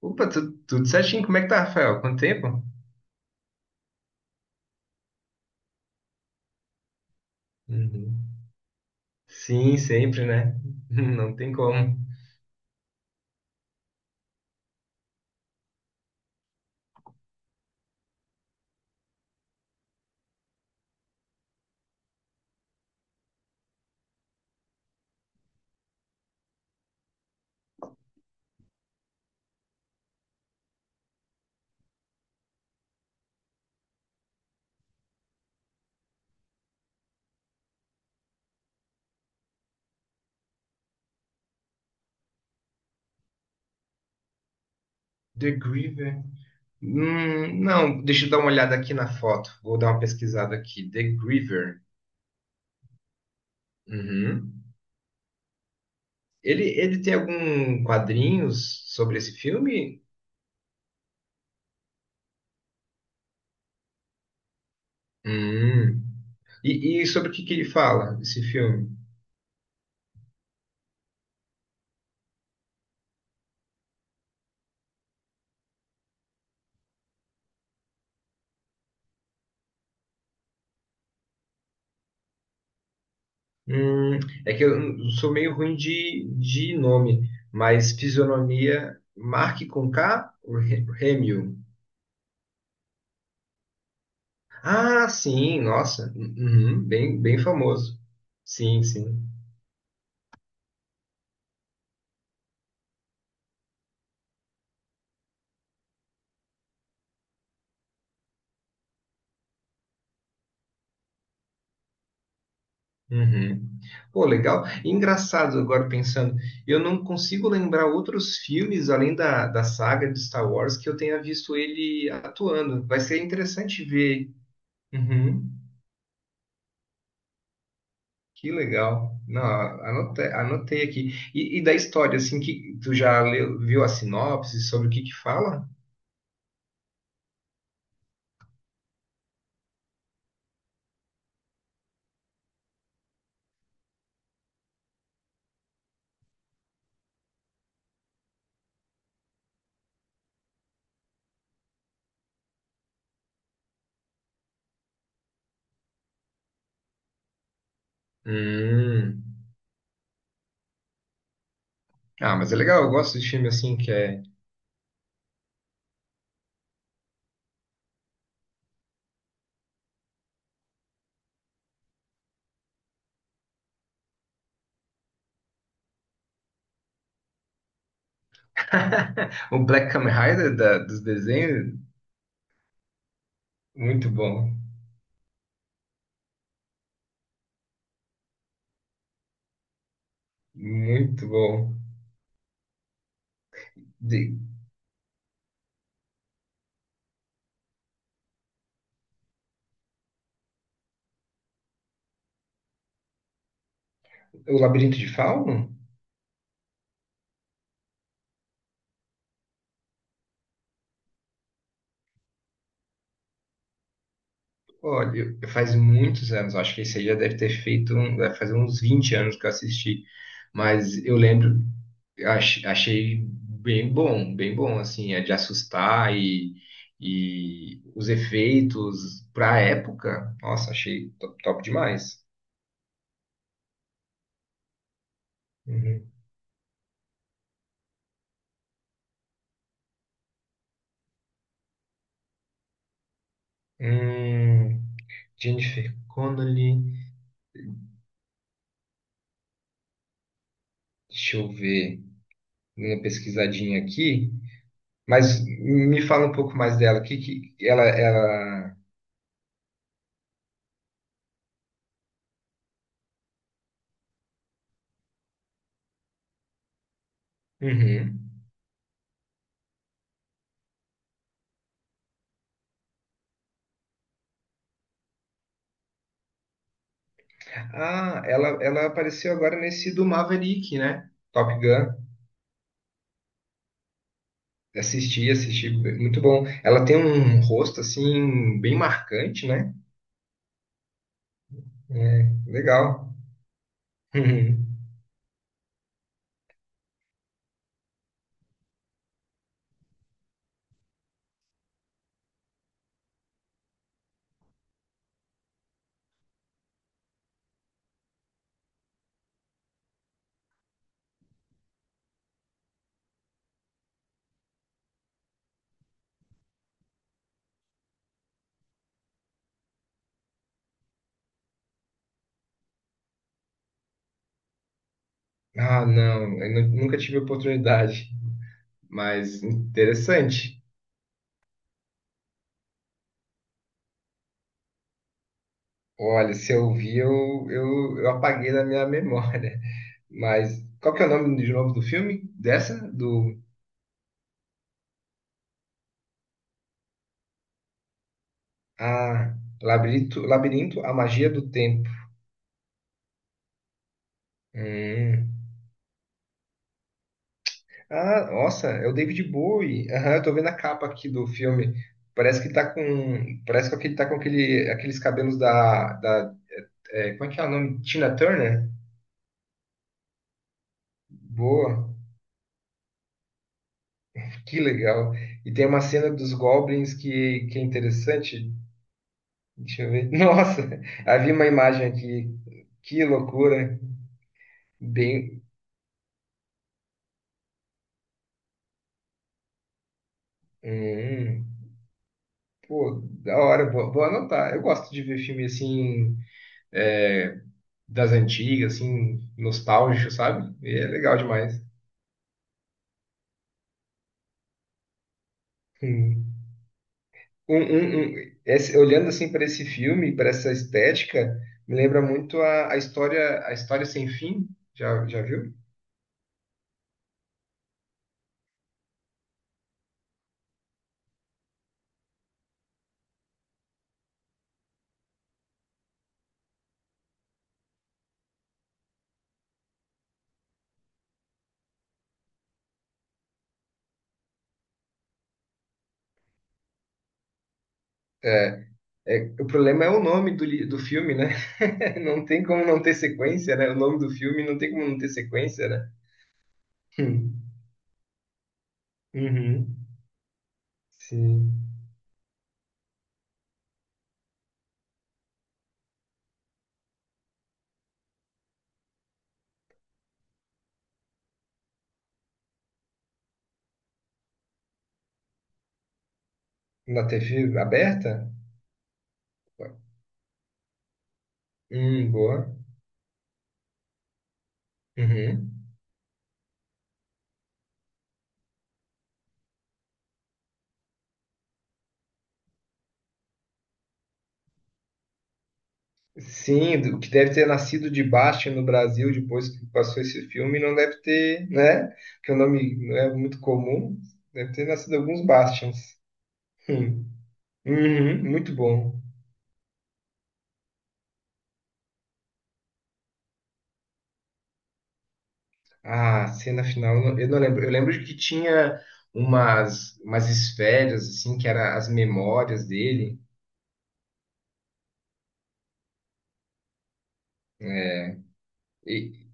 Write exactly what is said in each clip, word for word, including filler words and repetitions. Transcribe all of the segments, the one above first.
Opa, tu- tudo certinho. Como é que tá, Rafael? Quanto tempo? Uhum. Sim, sempre, né? Não tem como. The Griever. Hum, não, deixa eu dar uma olhada aqui na foto. Vou dar uma pesquisada aqui. The Griever. Uhum. Ele, ele tem algum quadrinhos sobre esse filme? Hum. E, e sobre o que que ele fala, esse filme? Hum, é que eu sou meio ruim de, de nome, mas fisionomia, Mark com K, ou Re- Hamill. Ah, sim, nossa. Uhum, bem, bem famoso. Sim, sim. Uhum. Pô, legal. Engraçado agora pensando, eu não consigo lembrar outros filmes além da, da saga de Star Wars que eu tenha visto ele atuando. Vai ser interessante ver. Uhum. Que legal. Não, anote- anotei, aqui. E, e da história, assim, que tu já leu- viu a sinopse sobre o que que fala? Hum. Ah, mas é legal, eu gosto de filme assim que é. O Black Kamen Rider da- dos desenhos, muito bom, muito bom. De- o Labirinto de Fauno? Olha, eu- faz muitos anos, acho que esse aí já deve ter feito, um- deve fazer uns vinte anos que eu assisti, mas eu lembro, ach- achei bem bom, bem bom, assim, é de assustar e, e os efeitos pra época, nossa, achei top, top demais. Uhum. Hum, Jennifer Connelly. Deixa eu ver, dei uma pesquisadinha aqui. Mas me fala um pouco mais dela. Que, que ela, ela... Uhum. Ah, ela, ela apareceu agora nesse do Maverick, né? Top Gun. Assisti, assisti, muito bom. Ela tem um rosto assim bem marcante, né? É, legal. Uhum. Ah, não, eu nu- nunca tive oportunidade, mas interessante. Olha, se eu vi, eu, eu, eu apaguei da minha memória. Mas qual que é o nome de novo do filme? Dessa? Do. Ah, Labirinto, Labirinto, a Magia do Tempo. Hum. Ah, nossa, é o David Bowie. Aham, eu tô vendo a capa aqui do filme. Parece que tá com. Parece que ele tá com aquele, aqueles cabelos da. da é, como é que é o nome? Tina Turner? Boa, que legal. E tem uma cena dos Goblins que, que é interessante. Deixa eu ver. Nossa, havia uma imagem aqui. Que loucura. Bem. hum. Pô, da hora, vou, vou anotar. Eu gosto de ver filme assim, é, das antigas, assim, nostálgico, sabe? E é legal demais. Hum. Um, um- um- esse- olhando assim para esse filme, para essa estética, me lembra muito a, a história, a história sem fim. Já, já viu? É, é, o problema é o nome do, li- do filme, né? Não tem como não ter sequência, né? O nome do filme não tem como não ter sequência, né? Hum. Uhum. Sim. Na T V aberta? Hum, boa. Uhum. Sim, o que deve ter nascido de Bastien no Brasil depois que passou esse filme não deve ter, né? Que o nome não é muito comum, deve ter nascido alguns Bastians. Hum. Uhum, muito bom. Ah, cena final, eu não, eu não lembro. Eu lembro de que tinha umas, umas esferas, assim, que eram as memórias dele. É, E,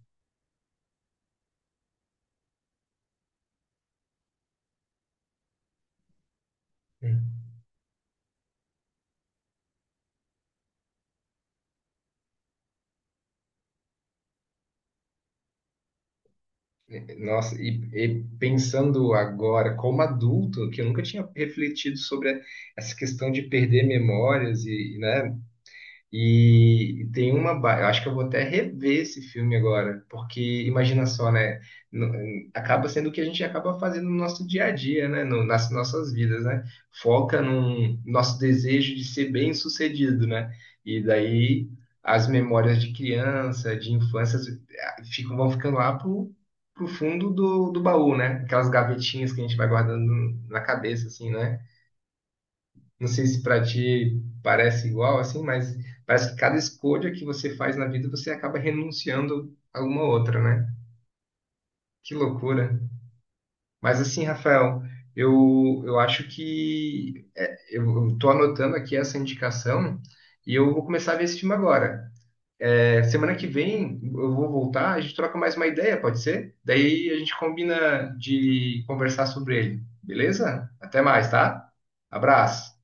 É, Nossa, e, e pensando agora como adulto, que eu nunca tinha refletido sobre essa questão de perder memórias e, né? E, tem uma. ba- eu acho que eu vou até rever esse filme agora, porque imagina só, né? n- Acaba sendo o que a gente acaba fazendo no nosso dia a dia, né? No- nas nossas vidas, né? Foca no nosso desejo de ser bem-sucedido, né? E daí as memórias de criança, de infância, eh, ficam, vão ficando lá pro, pro fundo do, do baú, né? Aquelas gavetinhas que a gente vai guardando na cabeça, assim, né? Não sei se para ti parece igual assim, mas parece que cada escolha que você faz na vida você acaba renunciando a alguma outra, né? Que loucura. Mas assim, Rafael, eu, eu acho que é, eu estou anotando aqui essa indicação e eu vou começar a ver esse filme agora. É, semana que vem eu vou voltar, a gente troca mais uma ideia, pode ser? Daí a gente combina de conversar sobre ele, beleza? Até mais, tá? Abraço.